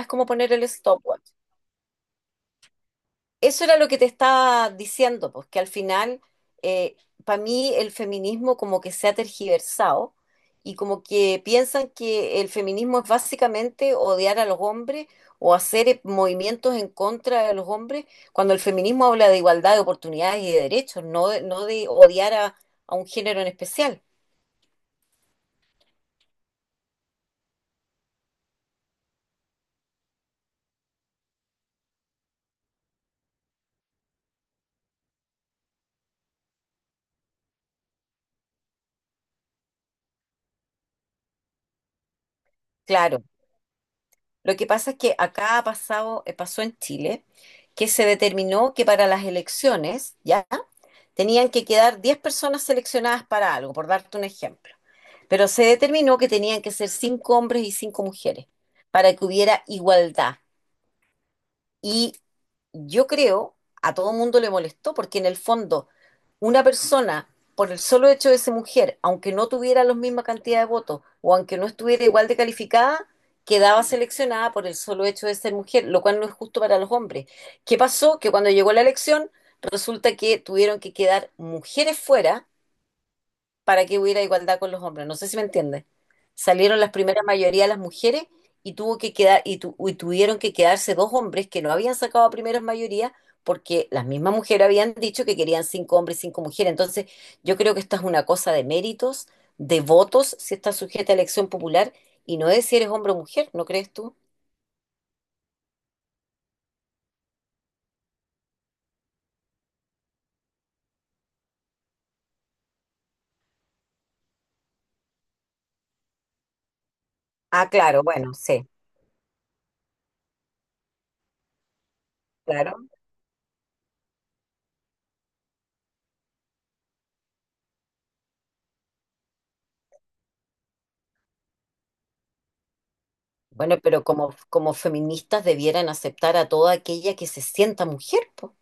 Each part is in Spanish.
Es como poner el stopwatch. Eso era lo que te estaba diciendo, pues que al final, para mí el feminismo como que se ha tergiversado y como que piensan que el feminismo es básicamente odiar a los hombres o hacer movimientos en contra de los hombres, cuando el feminismo habla de igualdad de oportunidades y de derechos, no de odiar a un género en especial. Claro, lo que pasa es que acá ha pasado, pasó en Chile, que se determinó que para las elecciones, ¿ya? Tenían que quedar 10 personas seleccionadas para algo, por darte un ejemplo. Pero se determinó que tenían que ser 5 hombres y 5 mujeres para que hubiera igualdad. Y yo creo, a todo mundo le molestó, porque en el fondo, una persona, por el solo hecho de ser mujer, aunque no tuviera la misma cantidad de votos o aunque no estuviera igual de calificada, quedaba seleccionada por el solo hecho de ser mujer, lo cual no es justo para los hombres. ¿Qué pasó? Que cuando llegó la elección, resulta que tuvieron que quedar mujeres fuera para que hubiera igualdad con los hombres. No sé si me entiendes. Salieron las primeras mayoría de las mujeres y tuvo que quedar y, tu- y tuvieron que quedarse dos hombres que no habían sacado a primeras mayorías porque las mismas mujeres habían dicho que querían cinco hombres y cinco mujeres. Entonces, yo creo que esta es una cosa de méritos, de votos, si está sujeta a elección popular y no es si eres hombre o mujer, ¿no crees tú? Ah, claro, bueno, sí, claro. Bueno, pero como feministas debieran aceptar a toda aquella que se sienta mujer, po.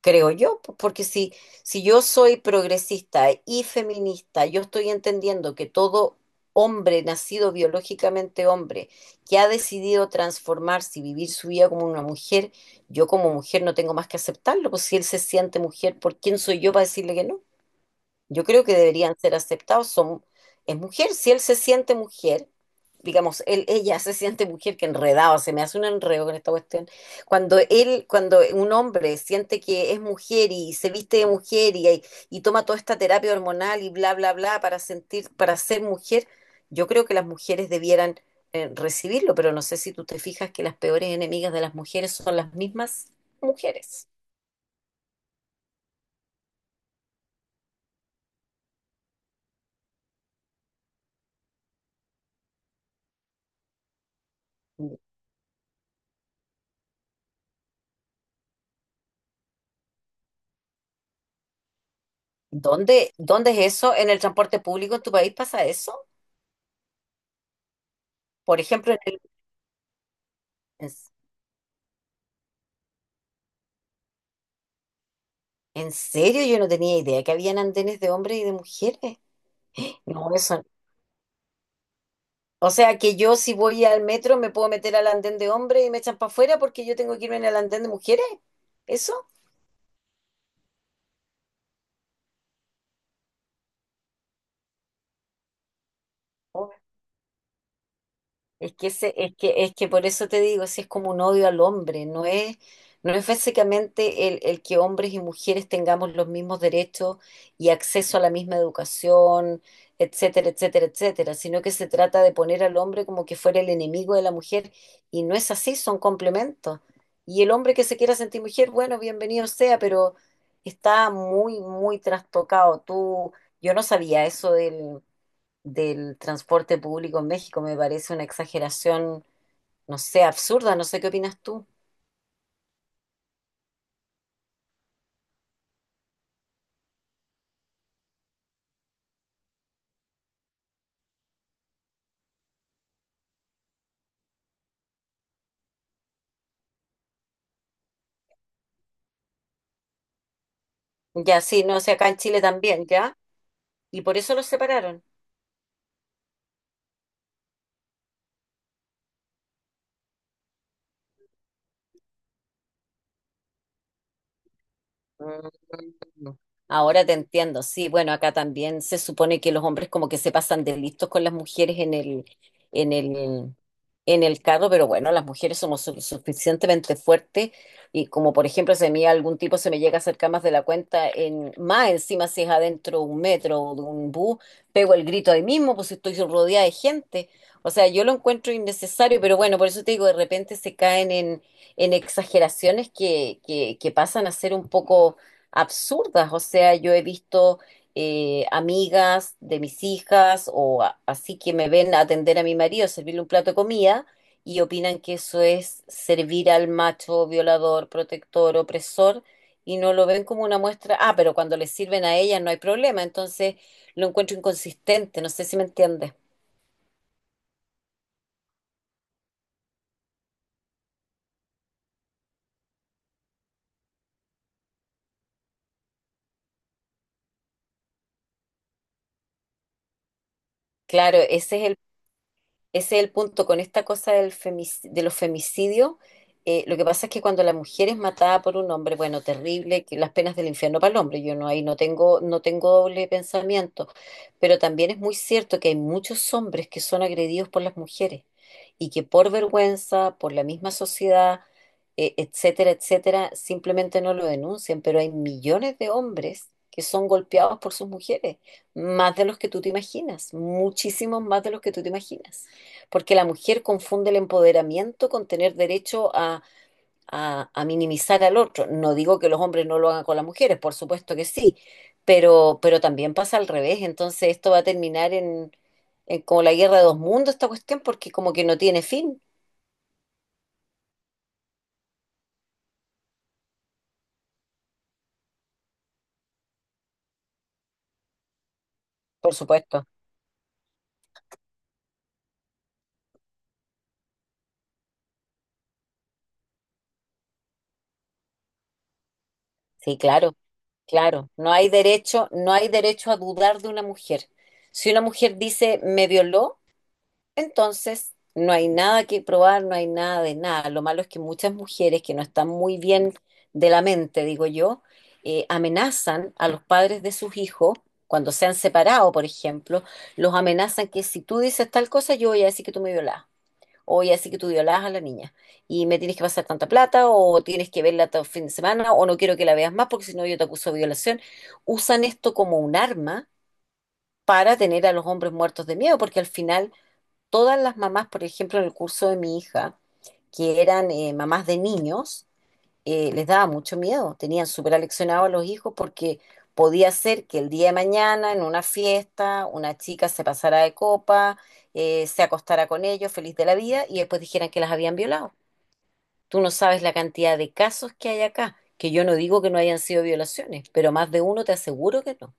Creo yo, porque si yo soy progresista y feminista, yo estoy entendiendo que todo hombre nacido biológicamente hombre que ha decidido transformarse y vivir su vida como una mujer, yo como mujer no tengo más que aceptarlo, pues si él se siente mujer, ¿por quién soy yo para decirle que no? Yo creo que deberían ser aceptados. Son, es mujer, si él se siente mujer, digamos, él, ella se siente mujer, que enredado, se me hace un enredo con esta cuestión. Cuando un hombre siente que es mujer y se viste de mujer y toma toda esta terapia hormonal y bla, bla, bla para sentir, para ser mujer, yo creo que las mujeres debieran recibirlo, pero no sé si tú te fijas que las peores enemigas de las mujeres son las mismas mujeres. ¿Dónde es eso? ¿En el transporte público en tu país pasa eso? Por ejemplo, en el- en- ¿En serio? Yo no tenía idea que habían andenes de hombres y de mujeres. No, eso. O sea que yo si voy al metro me puedo meter al andén de hombres y me echan para afuera porque yo tengo que irme en el andén de mujeres. ¿Eso? Es que ese- es que por eso te digo, si es como un odio al hombre, no es básicamente el que hombres y mujeres tengamos los mismos derechos y acceso a la misma educación, etcétera, etcétera, etcétera, sino que se trata de poner al hombre como que fuera el enemigo de la mujer, y no es así, son complementos. Y el hombre que se quiera sentir mujer, bueno, bienvenido sea, pero está muy, muy trastocado. Yo no sabía eso del transporte público en México, me parece una exageración, no sé, absurda, no sé qué opinas tú. Ya, sí, no sé, acá en Chile también, ¿ya? Y por eso los separaron. Mm. Ahora te entiendo, sí, bueno, acá también se supone que los hombres como que se pasan de listos con las mujeres en el, en el carro, pero bueno, las mujeres somos suficientemente fuertes y como por ejemplo si a mí algún tipo se me llega a acercar más de la cuenta, más encima si es adentro de un metro o de un bus, pego el grito ahí mismo, pues si estoy rodeada de gente, o sea, yo lo encuentro innecesario, pero bueno, por eso te digo, de repente se caen en exageraciones que pasan a ser un poco absurdas. O sea, yo he visto amigas de mis hijas o así que me ven atender a mi marido, servirle un plato de comida y opinan que eso es servir al macho violador, protector, opresor y no lo ven como una muestra. Ah, pero cuando les sirven a ellas no hay problema, entonces lo encuentro inconsistente, no sé si me entiendes. Claro, ese es el punto con esta cosa de los femicidios. Lo que pasa es que cuando la mujer es matada por un hombre, bueno, terrible, que las penas del infierno para el hombre, yo no ahí no tengo doble pensamiento, pero también es muy cierto que hay muchos hombres que son agredidos por las mujeres y que por vergüenza, por la misma sociedad, etcétera, etcétera, simplemente no lo denuncian, pero hay millones de hombres que son golpeados por sus mujeres, más de los que tú te imaginas, muchísimos más de los que tú te imaginas porque la mujer confunde el empoderamiento con tener derecho a minimizar al otro. No digo que los hombres no lo hagan con las mujeres, por supuesto que sí, pero también pasa al revés, entonces esto va a terminar en como la guerra de dos mundos, esta cuestión, porque como que no tiene fin, por supuesto. Sí, claro, claro. No hay derecho, no hay derecho a dudar de una mujer. Si una mujer dice me violó, entonces, no hay nada que probar, no hay nada de nada. Lo malo es que muchas mujeres que no están muy bien de la mente, digo yo, amenazan a los padres de sus hijos, cuando se han separado, por ejemplo, los amenazan que si tú dices tal cosa, yo voy a decir que tú me violás. O voy a decir que tú violás a la niña. Y me tienes que pasar tanta plata, o tienes que verla todo el fin de semana, o no quiero que la veas más porque si no yo te acuso de violación. Usan esto como un arma para tener a los hombres muertos de miedo, porque al final todas las mamás, por ejemplo, en el curso de mi hija, que eran mamás de niños, les daba mucho miedo. Tenían súper aleccionados a los hijos porque podía ser que el día de mañana, en una fiesta, una chica se pasara de copa, se acostara con ellos, feliz de la vida, y después dijeran que las habían violado. Tú no sabes la cantidad de casos que hay acá, que yo no digo que no hayan sido violaciones, pero más de uno te aseguro que no.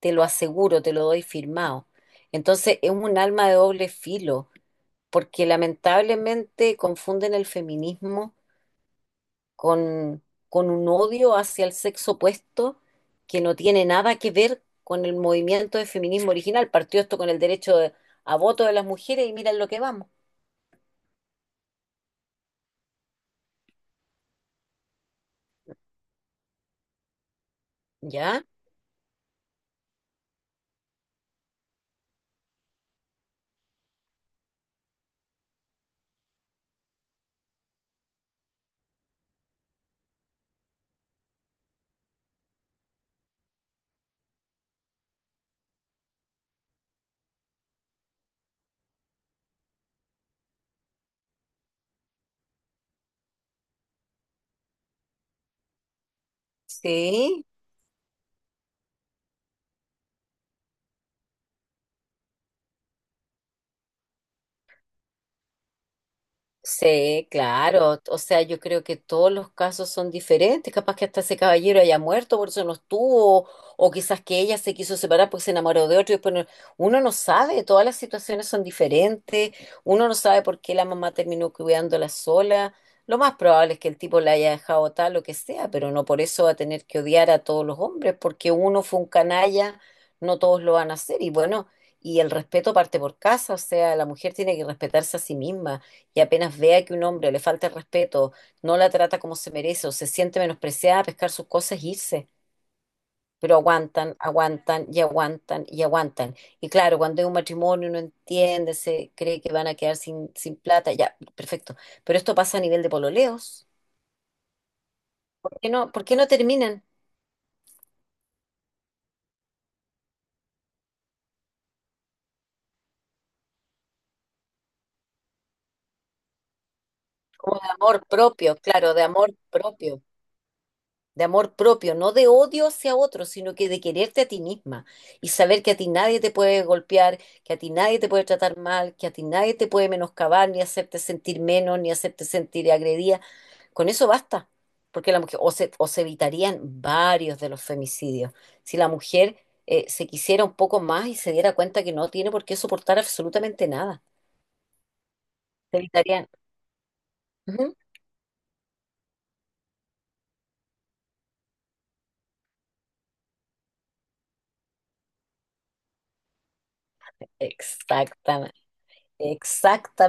Te lo aseguro, te lo doy firmado. Entonces es un alma de doble filo porque lamentablemente confunden el feminismo con, con un odio hacia el sexo opuesto que no tiene nada que ver con el movimiento de feminismo original. Partió esto con el derecho a voto de las mujeres y miren lo que vamos. ¿Ya? Sí. Sí, claro. O sea, yo creo que todos los casos son diferentes. Capaz que hasta ese caballero haya muerto, por eso no estuvo, o quizás que ella se quiso separar porque se enamoró de otro. Y después no- Uno no sabe, todas las situaciones son diferentes. Uno no sabe por qué la mamá terminó cuidándola sola. Lo más probable es que el tipo la haya dejado tal, lo que sea, pero no por eso va a tener que odiar a todos los hombres, porque uno fue un canalla, no todos lo van a hacer. Y bueno, y el respeto parte por casa, o sea, la mujer tiene que respetarse a sí misma y apenas vea que un hombre le falta el respeto, no la trata como se merece o se siente menospreciada, pescar sus cosas e irse. Pero aguantan, aguantan y aguantan y aguantan. Y claro, cuando hay un matrimonio no entiende, se cree que van a quedar sin plata, ya, perfecto. Pero esto pasa a nivel de pololeos. Por qué no terminan? Como de amor propio, claro, de amor propio. De amor propio, no de odio hacia otro, sino que de quererte a ti misma y saber que a ti nadie te puede golpear, que a ti nadie te puede tratar mal, que a ti nadie te puede menoscabar, ni hacerte sentir menos, ni hacerte sentir agredida. Con eso basta, porque la mujer, o se evitarían varios de los femicidios. Si la mujer se quisiera un poco más y se diera cuenta que no tiene por qué soportar absolutamente nada, se evitarían. Ujú. Exactamente, exactamente.